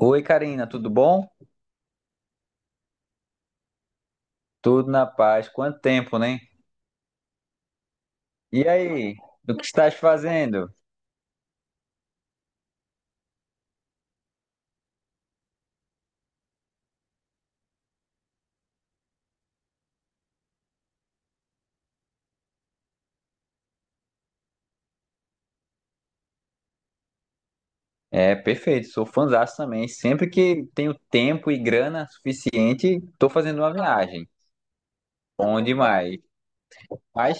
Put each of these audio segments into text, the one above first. Oi, Karina, tudo bom? Tudo na paz. Quanto tempo, né? E aí, o que estás fazendo? É, perfeito, sou fãzaço também. Sempre que tenho tempo e grana suficiente, estou fazendo uma viagem. Bom demais. Mas,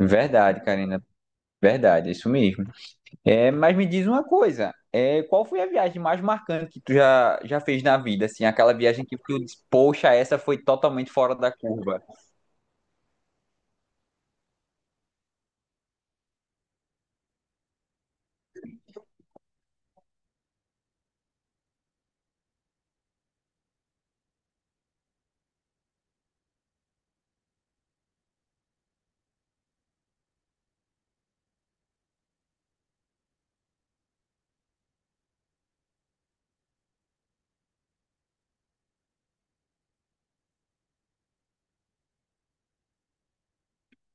verdade, Karina, verdade, é isso mesmo. Mas me diz uma coisa, qual foi a viagem mais marcante que tu já fez na vida? Assim, aquela viagem que tu disse, poxa, essa foi totalmente fora da curva.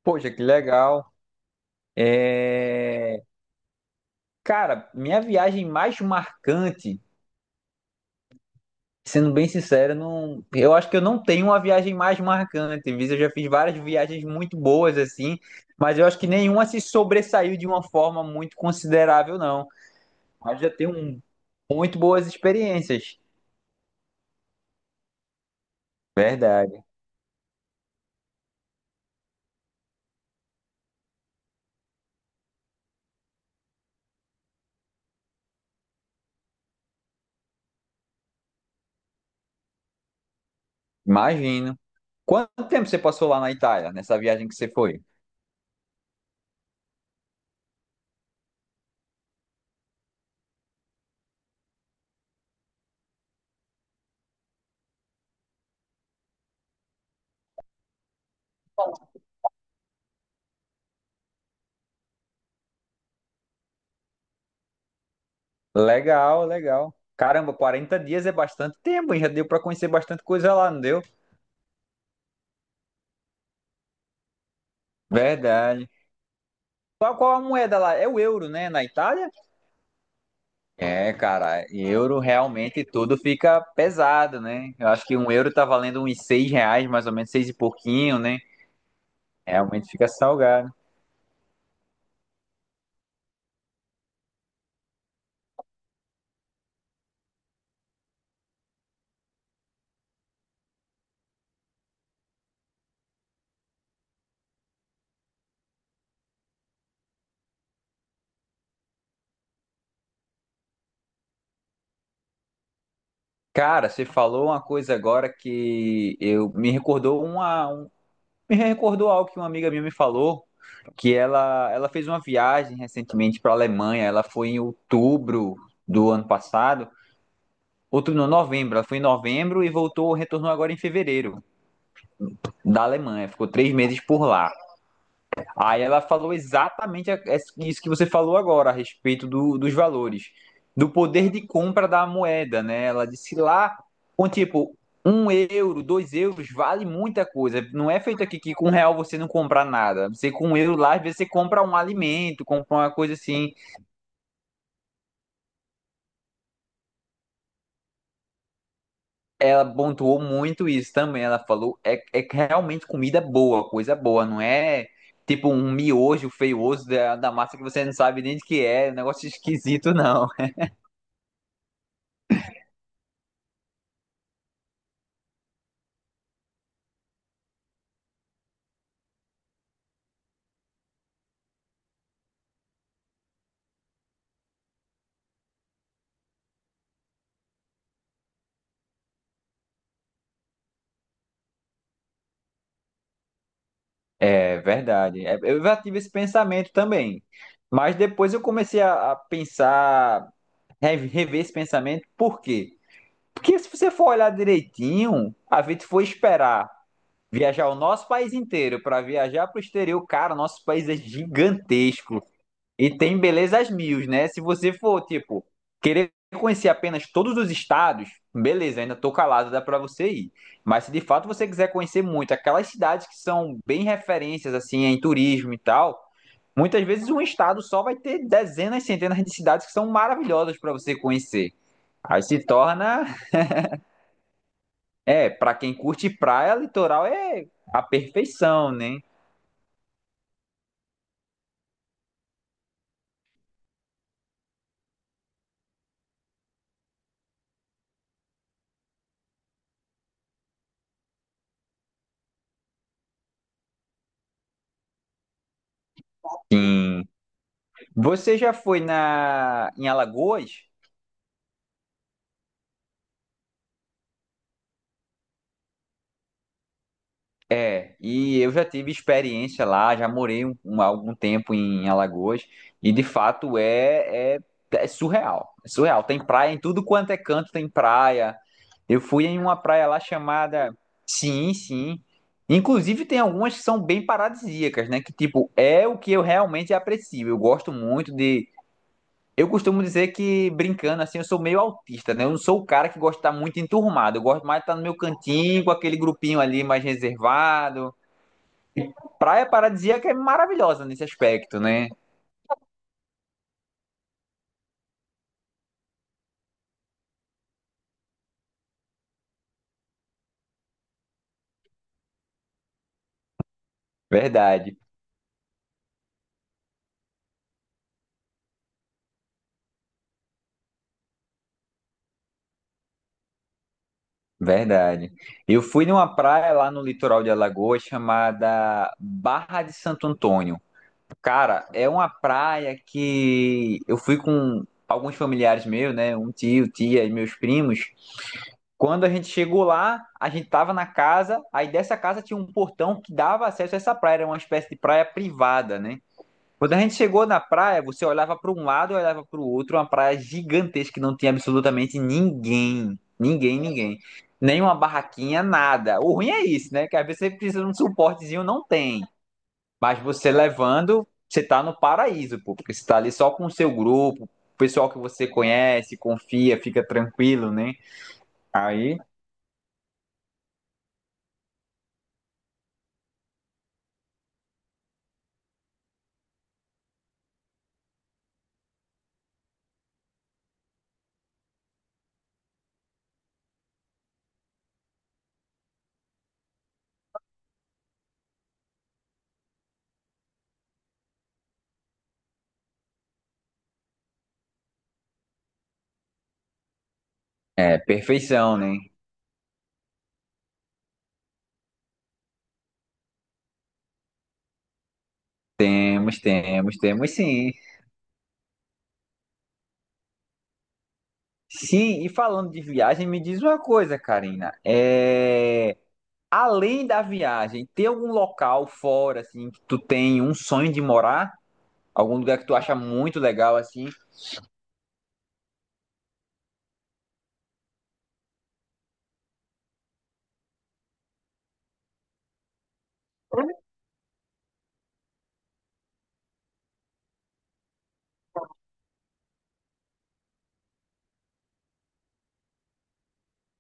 Poxa, que legal. É... Cara minha viagem mais marcante, sendo bem sincero, não, eu acho que eu não tenho uma viagem mais marcante. Viz, eu já fiz várias viagens muito boas assim, mas eu acho que nenhuma se sobressaiu de uma forma muito considerável, não. Mas já tenho um- muito boas experiências. Verdade. Imagino. Quanto tempo você passou lá na Itália, nessa viagem que você foi? Legal, legal. Caramba, 40 dias é bastante tempo, hein? Já deu pra conhecer bastante coisa lá, não deu? Verdade. Qual a moeda lá? É o euro, né? Na Itália? É, cara, euro realmente tudo fica pesado, né? Eu acho que 1 euro tá valendo uns 6 reais, mais ou menos, seis e pouquinho, né? Realmente fica salgado. Cara, você falou uma coisa agora que eu me recordou algo que uma amiga minha me falou, que ela fez uma viagem recentemente para a Alemanha. Ela foi em outubro do ano passado, outubro não, novembro. Ela foi em novembro e voltou, retornou agora em fevereiro. Da Alemanha, ficou 3 meses por lá. Aí ela falou exatamente isso que você falou agora, a respeito dos valores, do poder de compra da moeda, né? Ela disse lá, com tipo, 1 euro, 2 euros, vale muita coisa. Não é feito aqui que com 1 real você não compra nada. Você com 1 euro lá, às vezes você compra um alimento, compra uma coisa assim. Ela pontuou muito isso também. Ela falou, é que realmente comida é boa, coisa boa, não é tipo um miojo feioso da massa que você não sabe nem de que é um negócio esquisito, não. É verdade. É, eu já tive esse pensamento também. Mas depois eu comecei a pensar, rever esse pensamento, por quê? Porque se você for olhar direitinho, a gente foi esperar viajar o nosso país inteiro para viajar para o exterior, cara, nosso país é gigantesco. E tem belezas mil, né? Se você for, tipo, querer conhecer apenas todos os estados, beleza, ainda tô calado, dá pra você ir. Mas se de fato você quiser conhecer muito aquelas cidades que são bem referências, assim, em turismo e tal, muitas vezes um estado só vai ter dezenas, centenas de cidades que são maravilhosas pra você conhecer. Aí se torna, pra quem curte praia, litoral é a perfeição, né? Sim. Você já foi na em Alagoas? É, e eu já tive experiência lá, já morei algum tempo em Alagoas, e de fato é surreal. É surreal. Tem praia em tudo quanto é canto, tem praia. Eu fui em uma praia lá chamada. Sim, sim. Inclusive tem algumas que são bem paradisíacas, né? Que tipo, é o que eu realmente aprecio. Eu gosto muito de. Eu costumo dizer que, brincando assim, eu sou meio autista, né? Eu não sou o cara que gosta de estar muito enturmado. Eu gosto mais de estar no meu cantinho, com aquele grupinho ali mais reservado. Praia paradisíaca é maravilhosa nesse aspecto, né? Verdade, verdade. Eu fui numa praia lá no litoral de Alagoas chamada Barra de Santo Antônio. Cara, é uma praia que eu fui com alguns familiares meus, né? Um tio, tia e meus primos. Quando a gente chegou lá, a gente tava na casa, aí dessa casa tinha um portão que dava acesso a essa praia, era uma espécie de praia privada, né? Quando a gente chegou na praia, você olhava para um lado e olhava para o outro, uma praia gigantesca que não tinha absolutamente ninguém. Ninguém, ninguém. Nenhuma barraquinha, nada. O ruim é isso, né? Que às vezes você precisa de um suportezinho, não tem. Mas você levando, você tá no paraíso, pô, porque você tá ali só com o seu grupo, o pessoal que você conhece, confia, fica tranquilo, né? Aí é perfeição, né? Temos, temos, temos sim. Sim, e falando de viagem, me diz uma coisa, Karina. É. Além da viagem, tem algum local fora, assim, que tu tem um sonho de morar? Algum lugar que tu acha muito legal, assim?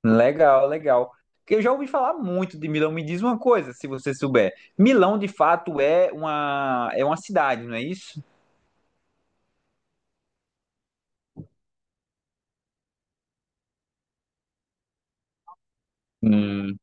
Legal, legal. Porque eu já ouvi falar muito de Milão. Me diz uma coisa, se você souber. Milão, de fato, é uma cidade, não é isso? Hum.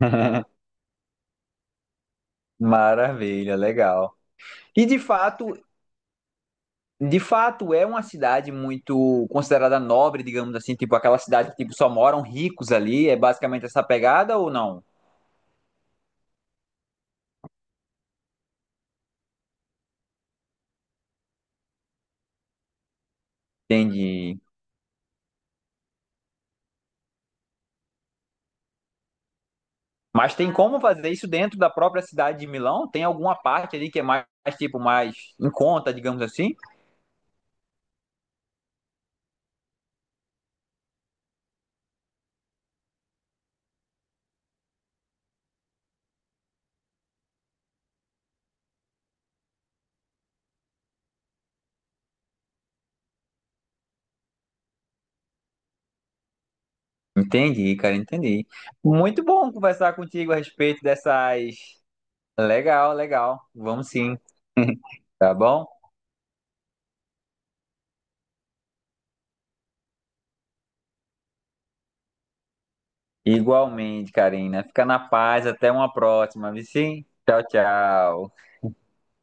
Maravilha, legal. E de fato é uma cidade muito considerada nobre, digamos assim, tipo aquela cidade que tipo, só moram ricos ali, é basicamente essa pegada ou não? Entendi. Mas tem como fazer isso dentro da própria cidade de Milão? Tem alguma parte ali que é mais, tipo, mais em conta, digamos assim? Entendi, cara, entendi. Muito bom conversar contigo a respeito dessas. Legal, legal. Vamos sim, tá bom? Igualmente, Karina. Fica na paz, até uma próxima, Vici. Tchau, tchau.